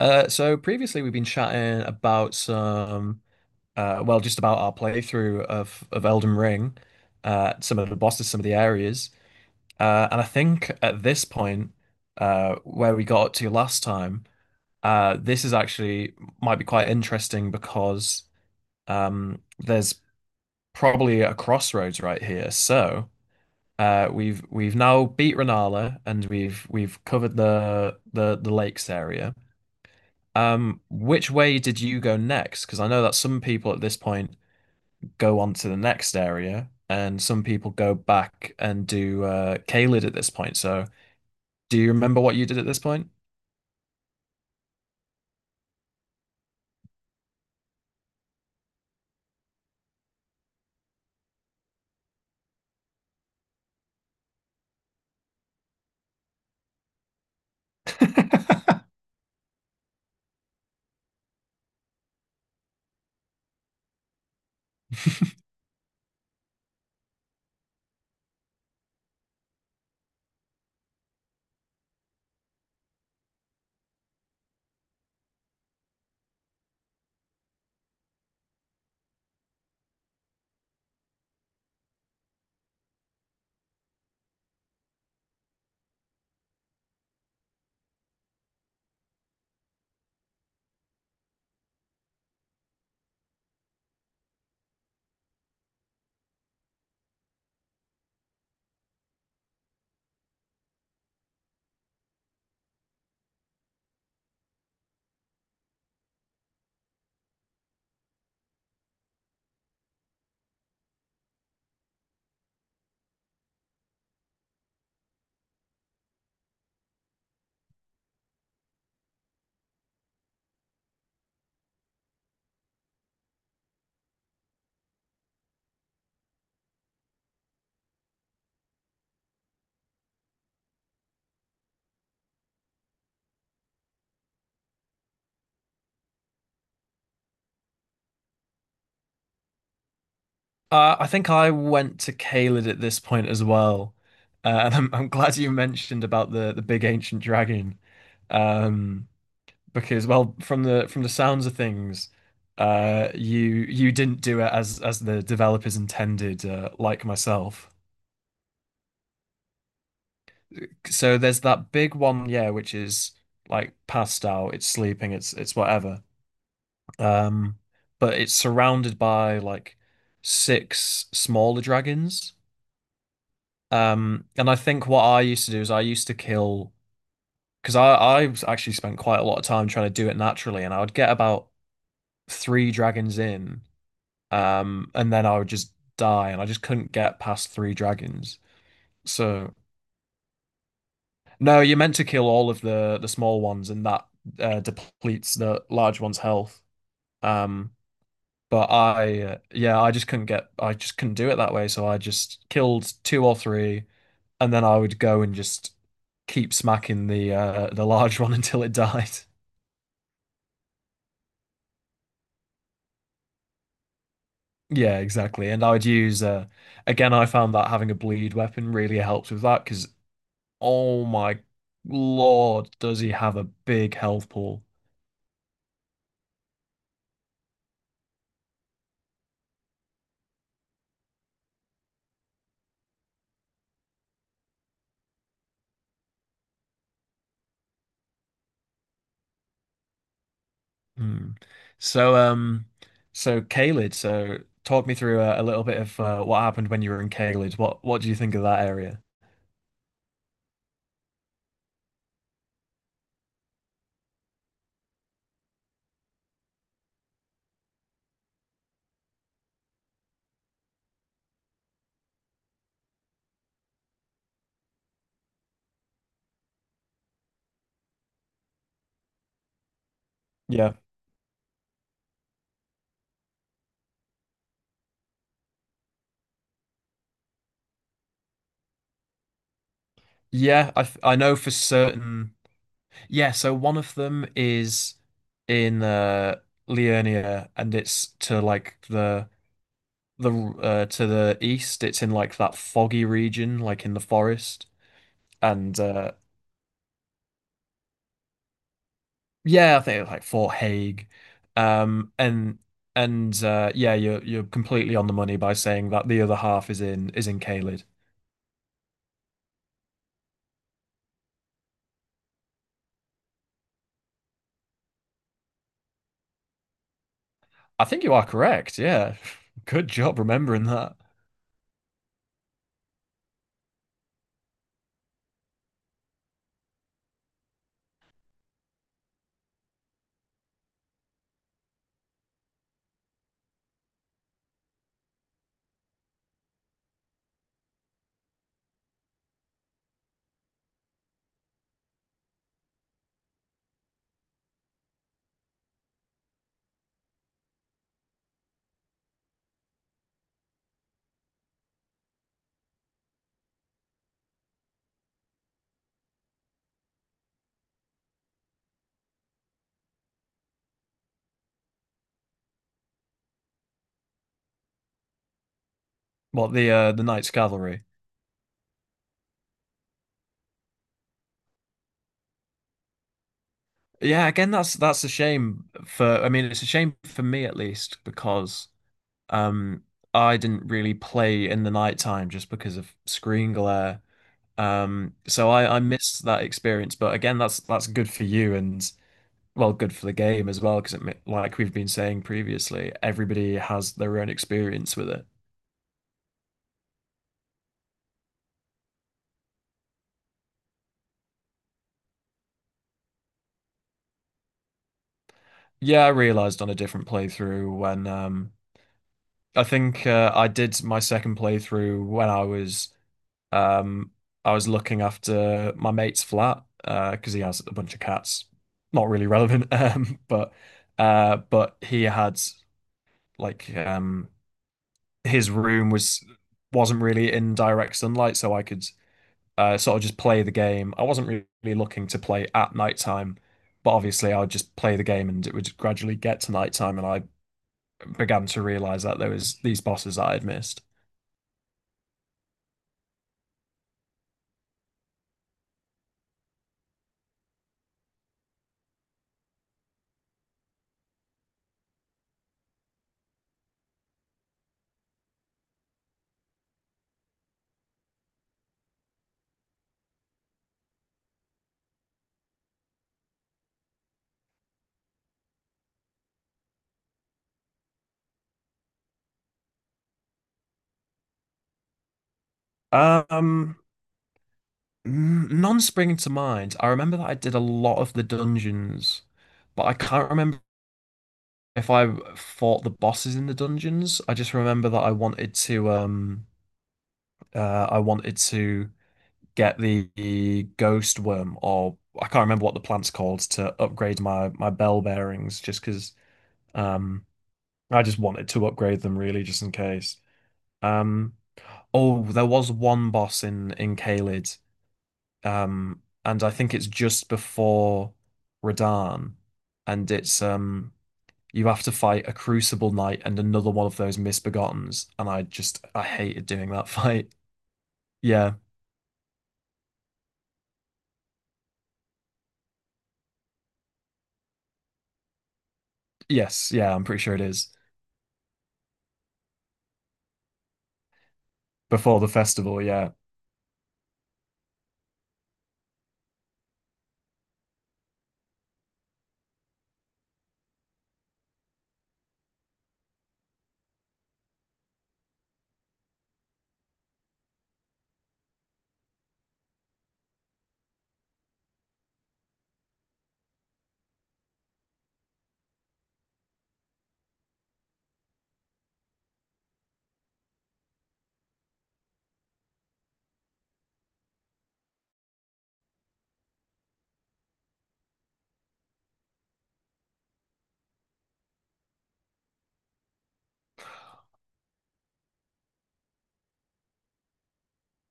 So previously we've been chatting about some, just about our playthrough of Elden Ring, some of the bosses, some of the areas, and I think at this point, where we got up to last time, this is actually might be quite interesting because there's probably a crossroads right here. So we've now beat Rennala, and we've covered the the lakes area. Which way did you go next? Because I know that some people at this point go on to the next area, and some people go back and do Caelid at this point. So, do you remember what you did at this point? I think I went to Caelid at this point as well, and I'm glad you mentioned about the big ancient dragon. Um, because well, from the sounds of things, you didn't do it as the developers intended, like myself. So there's that big one, yeah, which is like passed out, it's sleeping, it's whatever, um but it's surrounded by like six smaller dragons. And I think what I used to do is I used to kill, because I actually spent quite a lot of time trying to do it naturally, and I would get about three dragons in. And then I would just die, and I just couldn't get past three dragons. So no, you're meant to kill all of the small ones, and that depletes the large one's health. Um, but yeah, I just couldn't get, I just couldn't do it that way. So I just killed two or three, and then I would go and just keep smacking the large one until it died. Yeah, exactly. And I would use, again, I found that having a bleed weapon really helps with that because, oh my Lord, does he have a big health pool? Hmm. So, so Caelid, so talk me through a little bit of what happened when you were in Caelid. What do you think of that area? Yeah. Yeah, I know for certain. Yeah, so one of them is in Liurnia, and it's to like the to the east. It's in like that foggy region, like in the forest, and yeah, I think it was like Fort Hague. Um, and and Yeah, you're completely on the money by saying that the other half is in Caelid. I think you are correct. Yeah, good job remembering that. What, the Knights Cavalry. Yeah, again, that's a shame for. I mean, it's a shame for me at least because, um, I didn't really play in the night time just because of screen glare. So I missed that experience. But again, that's good for you, and well, good for the game as well, because like we've been saying previously, everybody has their own experience with it. Yeah, I realized on a different playthrough when I did my second playthrough when um I was looking after my mate's flat because he has a bunch of cats. Not really relevant, but he had like um his room wasn't really in direct sunlight, so I could sort of just play the game. I wasn't really looking to play at nighttime, but obviously I would just play the game and it would gradually get to nighttime, and I began to realize that there was these bosses that I had missed. Um, None springing to mind. I remember that I did a lot of the dungeons, but I can't remember if I fought the bosses in the dungeons. I just remember that I wanted to get the ghost worm, or I can't remember what the plant's called, to upgrade my bell bearings, just because, um, I just wanted to upgrade them really, just in case. Um, oh, there was one boss in Caelid, and I think it's just before Radahn, and it's. You have to fight a Crucible Knight and another one of those Misbegottens, and I just I hated doing that fight. Yeah, yes, yeah, I'm pretty sure it is before the festival. Yeah,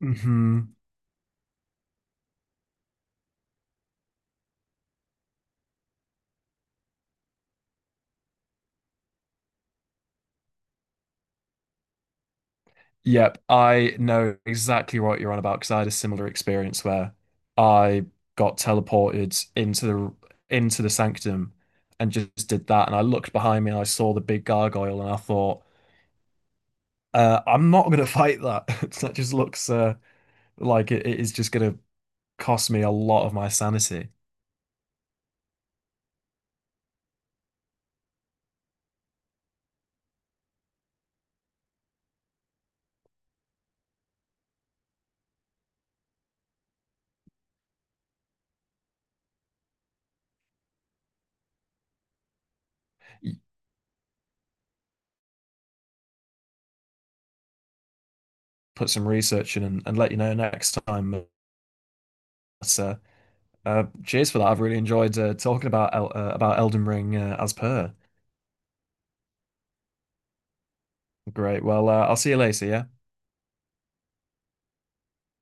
hmm. Yep, I know exactly what you're on about, because I had a similar experience where I got teleported into the sanctum and just did that. And I looked behind me and I saw the big gargoyle and I thought, I'm not gonna fight that. That just looks like it is just gonna cost me a lot of my sanity. Y- Put some research in and let you know next time. But, cheers for that. I've really enjoyed talking about El about Elden Ring, as per. Great. Well, I'll see you later. Yeah.